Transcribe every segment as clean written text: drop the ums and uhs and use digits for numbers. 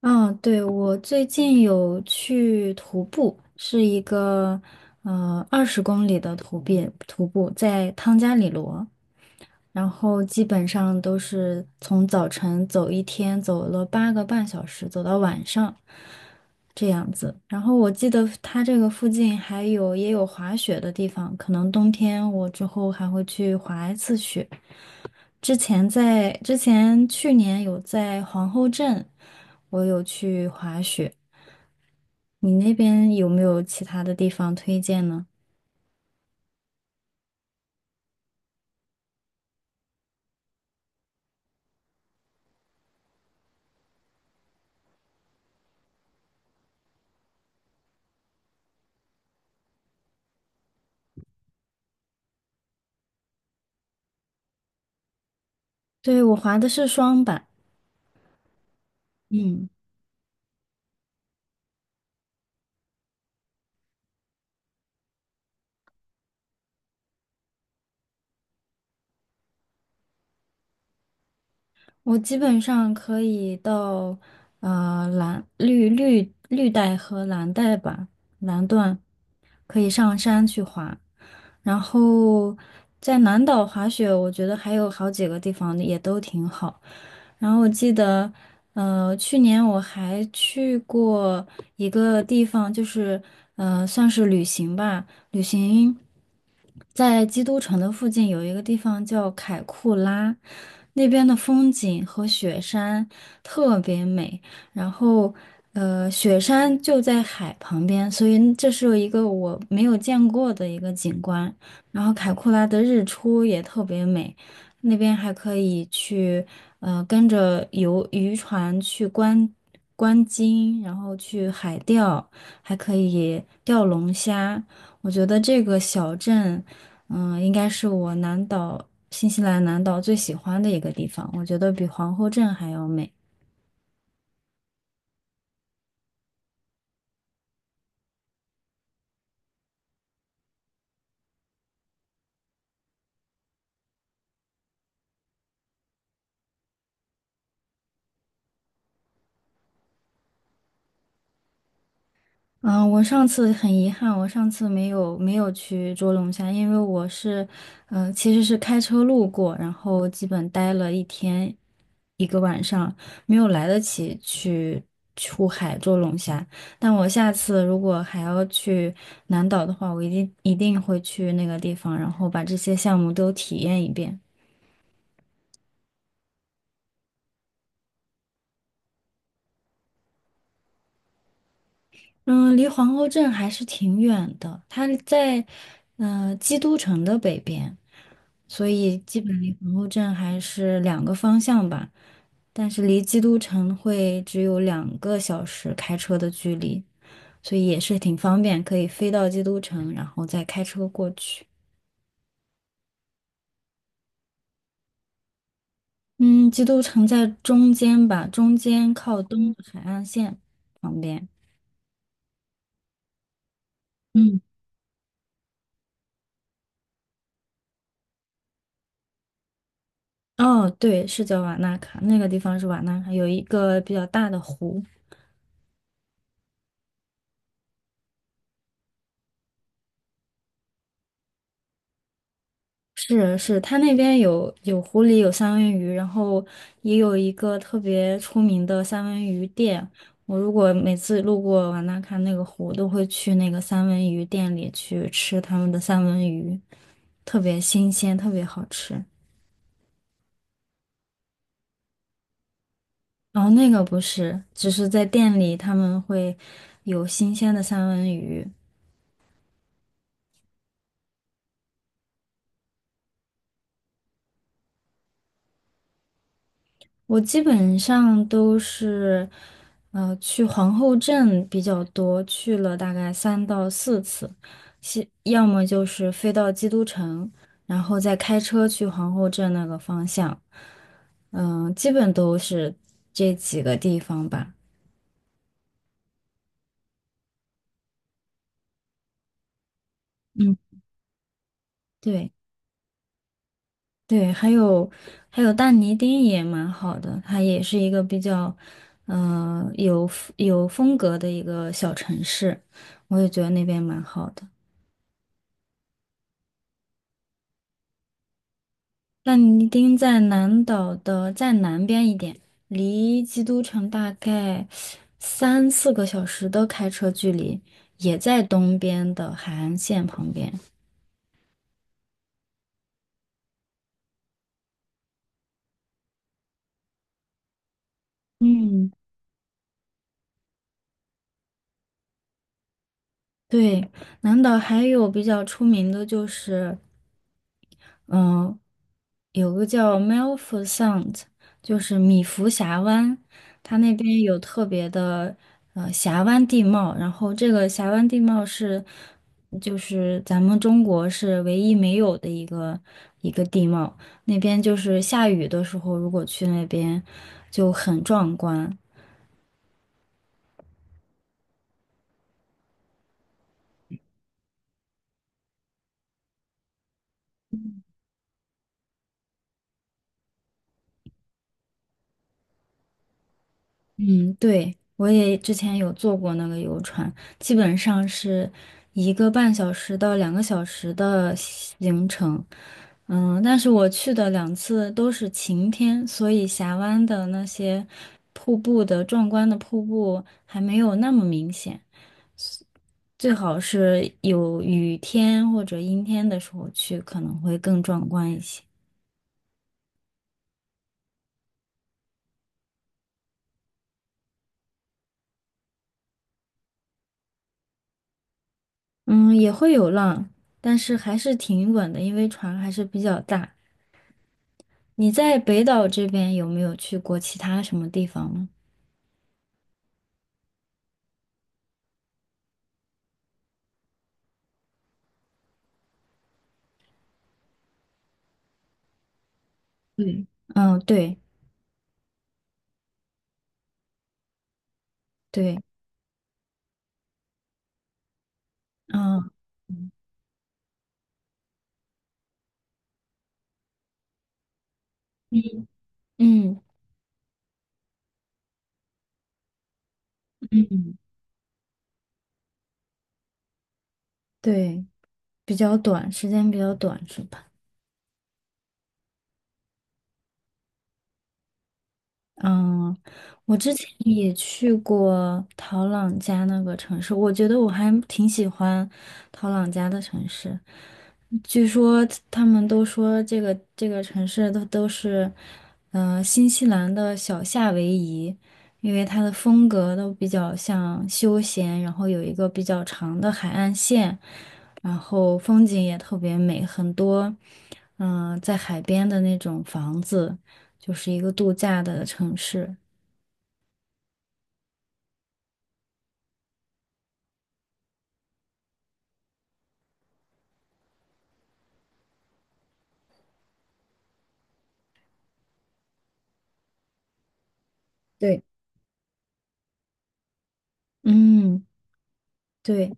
嗯，对，我最近有去徒步，是一个20公里的徒步，徒步在汤加里罗，然后基本上都是从早晨走一天，走了8个半小时，走到晚上。这样子。然后我记得它这个附近也有滑雪的地方，可能冬天我之后还会去滑一次雪。之前去年有在皇后镇，我有去滑雪。你那边有没有其他的地方推荐呢？对，我滑的是双板，嗯。我基本上可以到蓝绿带和蓝带吧，蓝段可以上山去滑，然后在南岛滑雪，我觉得还有好几个地方也都挺好。然后我记得，去年我还去过一个地方，就是算是旅行吧。旅行在基督城的附近有一个地方叫凯库拉，那边的风景和雪山特别美。然后，雪山就在海旁边，所以这是一个我没有见过的一个景观。然后，凯库拉的日出也特别美，那边还可以去，跟着游渔船去观鲸，然后去海钓，还可以钓龙虾。我觉得这个小镇，应该是我南岛，新西兰南岛最喜欢的一个地方。我觉得比皇后镇还要美。嗯，我上次很遗憾，我上次没有去捉龙虾，因为我是，其实是开车路过，然后基本待了一天，一个晚上，没有来得及去出海捉龙虾。但我下次如果还要去南岛的话，我一定一定会去那个地方，然后把这些项目都体验一遍。嗯，离皇后镇还是挺远的，它在基督城的北边，所以基本离皇后镇还是2个方向吧，但是离基督城会只有两个小时开车的距离，所以也是挺方便，可以飞到基督城，然后再开车过去。嗯，基督城在中间吧，中间靠东的海岸线旁边。嗯，哦，对，是叫瓦纳卡，那个地方是瓦纳卡，有一个比较大的湖。是是，他那边有湖里有三文鱼，然后也有一个特别出名的三文鱼店。我如果每次路过瓦纳看那个湖，都会去那个三文鱼店里去吃他们的三文鱼，特别新鲜，特别好吃。然后那个不是，只是在店里他们会有新鲜的三文鱼，我基本上都是，去皇后镇比较多，去了大概3到4次，西要么就是飞到基督城，然后再开车去皇后镇那个方向，基本都是这几个地方吧。嗯，对对，还有但尼丁也蛮好的，它也是一个比较，呃，有有风格的一个小城市，我也觉得那边蛮好的。那尼丁在南岛的再南边一点，离基督城大概3、4个小时的开车距离，也在东边的海岸线旁边。嗯对，南岛还有比较出名的就是嗯，有个叫 Milford Sound，就是米福峡湾，它那边有特别的峡湾地貌，然后这个峡湾地貌就是咱们中国是唯一没有的一个地貌，那边就是下雨的时候，如果去那边就很壮观。嗯，对，我也之前有坐过那个游船，基本上是1个半小时到两个小时的行程。嗯，但是我去的2次都是晴天，所以峡湾的那些瀑布的壮观的瀑布还没有那么明显。最好是有雨天或者阴天的时候去，可能会更壮观一些。嗯，也会有浪，但是还是挺稳的，因为船还是比较大。你在北岛这边有没有去过其他什么地方呢？对，嗯，对对，嗯嗯嗯，对，比较短，时间比较短是吧？嗯，我之前也去过陶朗家那个城市，我觉得我还挺喜欢陶朗家的城市。据说他们都说这个城市都是，新西兰的小夏威夷，因为它的风格都比较像休闲，然后有一个比较长的海岸线，然后风景也特别美，很多，在海边的那种房子，就是一个度假的城市。对嗯，对，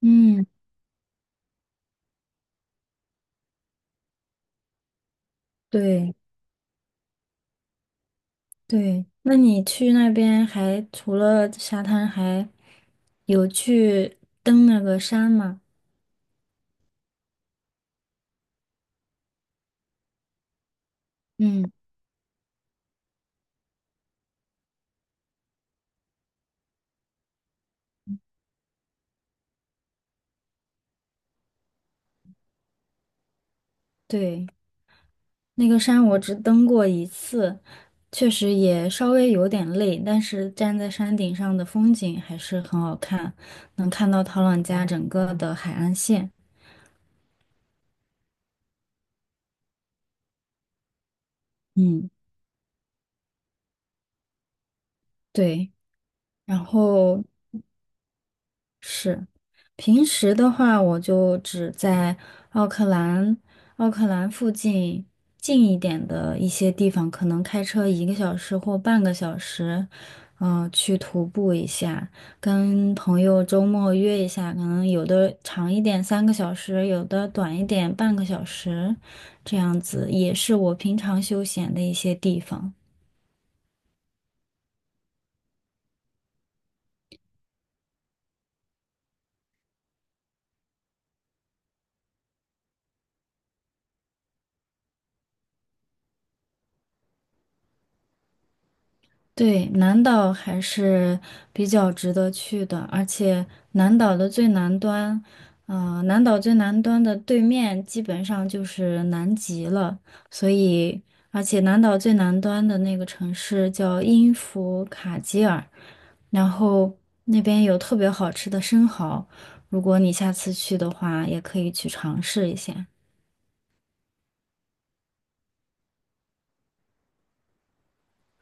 嗯，对。对，那你去那边还除了沙滩，还有去登那个山吗？嗯，对，那个山我只登过一次，确实也稍微有点累，但是站在山顶上的风景还是很好看，能看到陶朗家整个的海岸线。嗯，对，然后是，平时的话，我就只在奥克兰、奥克兰附近近一点的一些地方，可能开车1个小时或半个小时，去徒步一下，跟朋友周末约一下，可能有的长一点3个小时，有的短一点半个小时，这样子也是我平常休闲的一些地方。对，南岛还是比较值得去的，而且南岛的最南端，南岛最南端的对面基本上就是南极了，所以，而且南岛最南端的那个城市叫因弗卡吉尔，然后那边有特别好吃的生蚝，如果你下次去的话，也可以去尝试一下。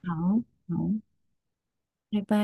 好，好，拜拜。